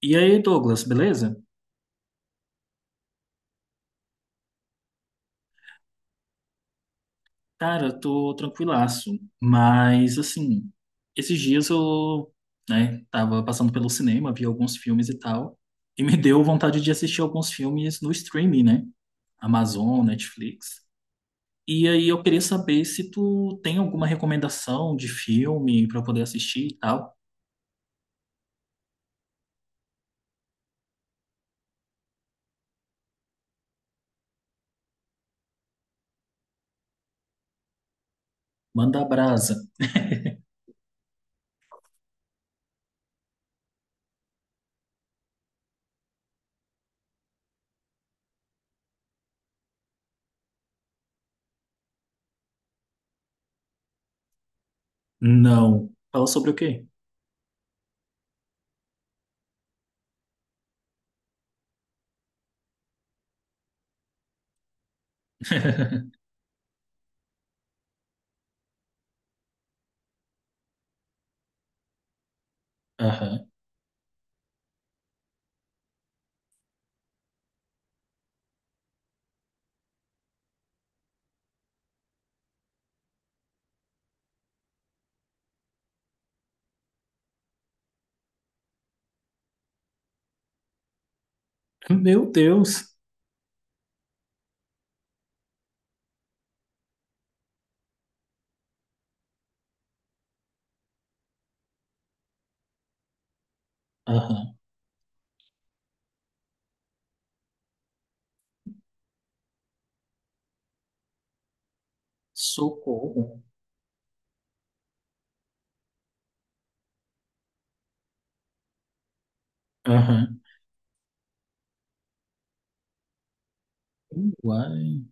E aí, Douglas, beleza? Cara, eu tô tranquilaço, mas assim, esses dias né, tava passando pelo cinema, vi alguns filmes e tal, e me deu vontade de assistir alguns filmes no streaming, né? Amazon, Netflix. E aí eu queria saber se tu tem alguma recomendação de filme pra eu poder assistir e tal. Manda brasa. Não. Fala sobre o quê? Aham. Meu Deus. Aham. Socorro. Aham. Uai.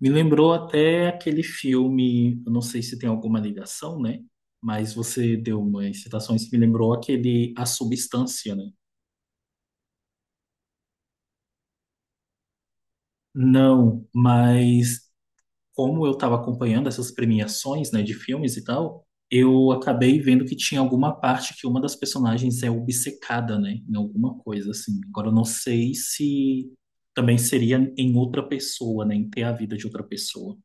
Me lembrou até aquele filme, eu não sei se tem alguma ligação, né? Mas você deu umas citações que me lembrou aquele A Substância, né? Não, mas como eu estava acompanhando essas premiações, né, de filmes e tal, eu acabei vendo que tinha alguma parte que uma das personagens é obcecada, né, em alguma coisa assim. Agora eu não sei se também seria em outra pessoa, né, em ter a vida de outra pessoa.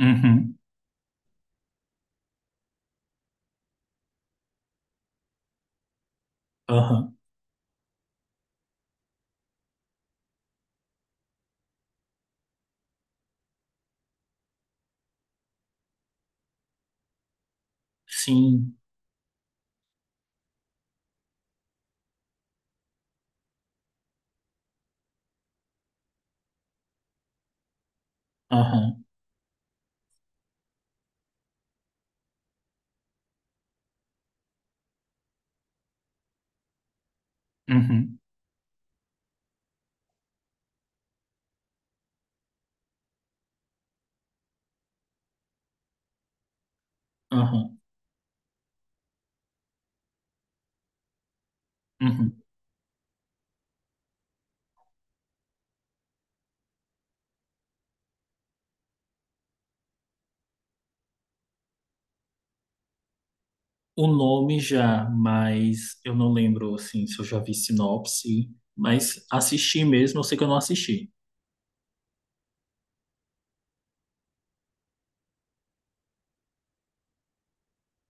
Uhum, aham, sim, aham, uhum. Aham, uhum. O nome já, mas eu não lembro assim se eu já vi sinopse, mas assisti mesmo, eu sei que eu não assisti.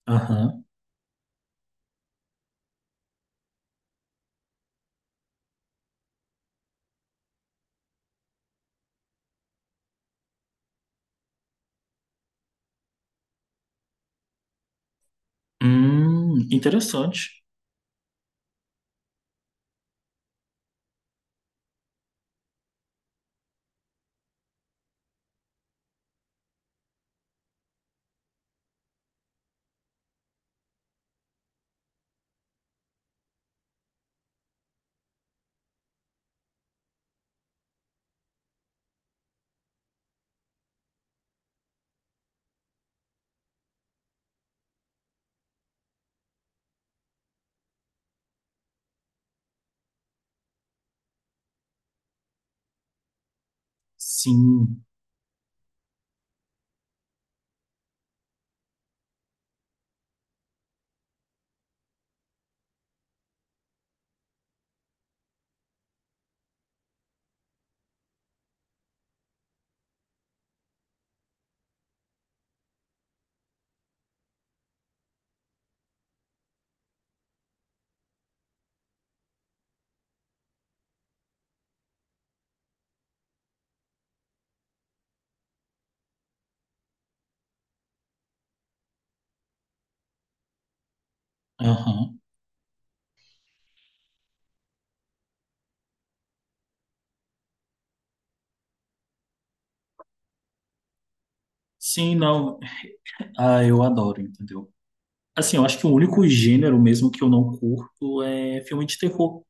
Aham. Interessante. Sim. Aham. Sim, não. Ah, eu adoro, entendeu? Assim, eu acho que o único gênero mesmo que eu não curto é filme de terror.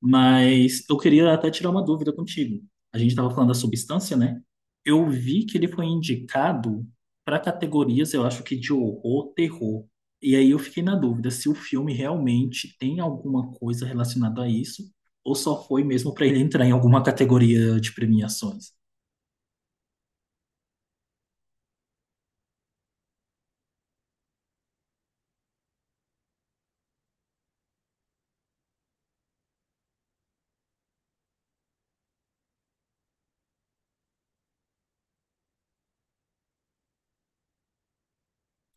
Mas eu queria até tirar uma dúvida contigo. A gente estava falando da substância, né? Eu vi que ele foi indicado para categorias, eu acho que de horror, terror. E aí eu fiquei na dúvida se o filme realmente tem alguma coisa relacionada a isso, ou só foi mesmo para ele entrar em alguma categoria de premiações.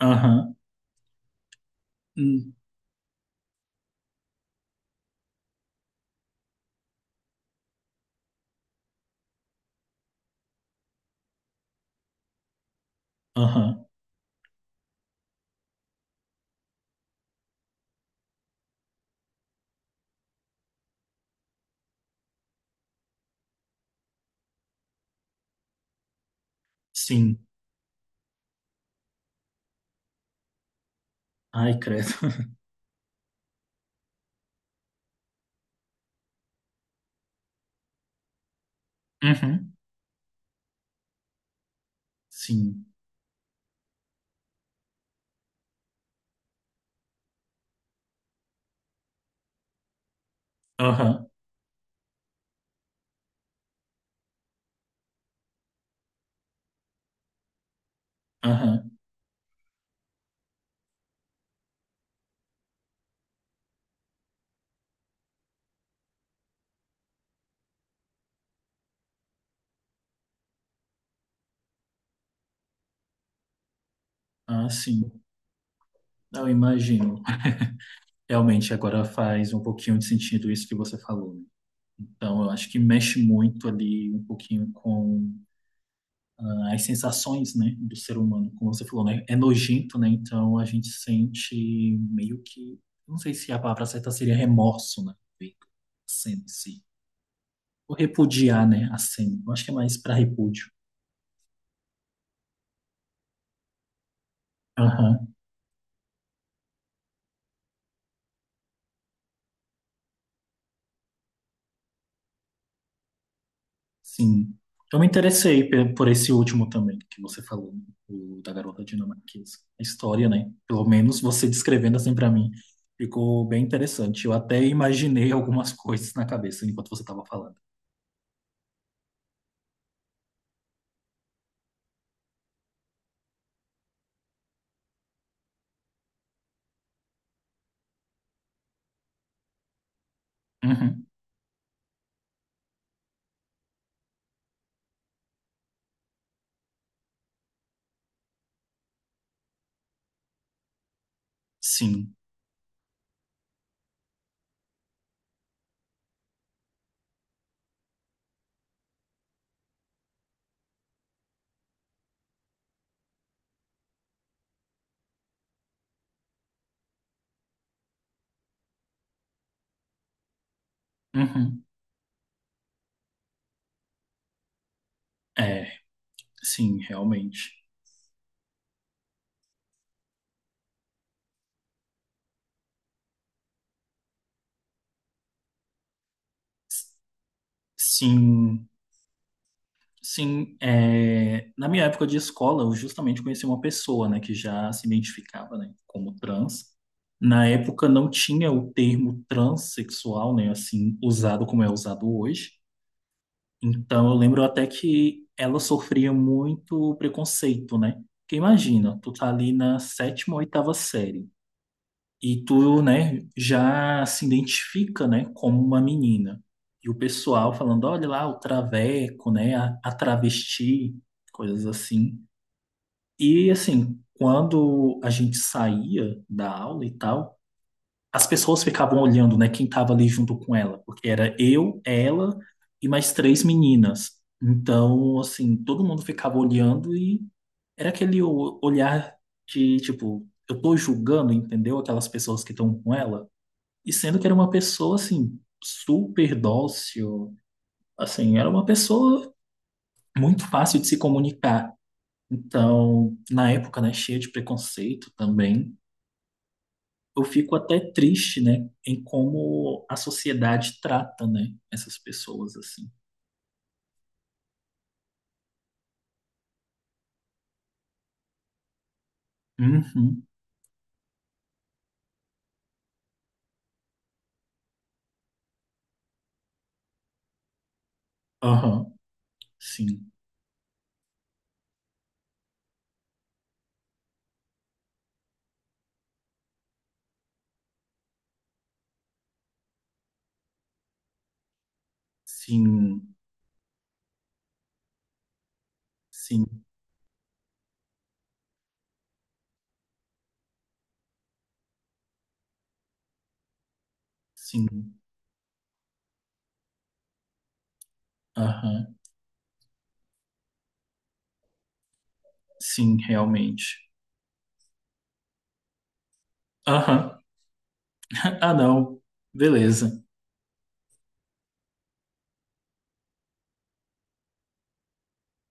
Aham. Hum. Aham. Sim. Ai, credo. Uhum. Sim. Aham. Aham. Ah, sim. Eu imagino. Realmente, agora faz um pouquinho de sentido isso que você falou, né? Então, eu acho que mexe muito ali um pouquinho com ah, as sensações, né, do ser humano, como você falou, né? É nojento, né? Então, a gente sente meio que, não sei se a palavra certa seria remorso, né? Sente-se. Ou repudiar, né, a cena. Eu acho que é mais para repúdio. Aham. Sim. Eu me interessei por esse último também que você falou, né? O da garota dinamarquesa. A história, né? Pelo menos você descrevendo assim para mim, ficou bem interessante. Eu até imaginei algumas coisas na cabeça enquanto você estava falando. Uhum. Sim. Uhum. É, sim, realmente. Sim. Sim, é, na minha época de escola, eu justamente conheci uma pessoa, né, que já se identificava, né, como trans. Na época não tinha o termo transexual, né, assim, usado como é usado hoje. Então eu lembro até que ela sofria muito preconceito, né? Porque imagina, tu tá ali na sétima ou oitava série. E tu, né, já se identifica, né, como uma menina. E o pessoal falando, olha lá, o traveco, né, a travesti, coisas assim. E, assim, quando a gente saía da aula e tal, as pessoas ficavam olhando, né, quem tava ali junto com ela, porque era eu, ela e mais três meninas. Então, assim, todo mundo ficava olhando e era aquele olhar de, tipo, eu tô julgando, entendeu? Aquelas pessoas que estão com ela. E sendo que era uma pessoa, assim, super dócil, assim, era uma pessoa muito fácil de se comunicar. Então, na época, né, cheia de preconceito também, eu fico até triste, né, em como a sociedade trata, né, essas pessoas, assim. Uhum, aham, sim, sim, sim, sim, aham, sim, realmente. Aham, ah, não, beleza.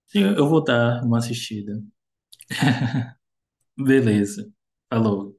Sim, eu vou dar uma assistida. Beleza. Falou.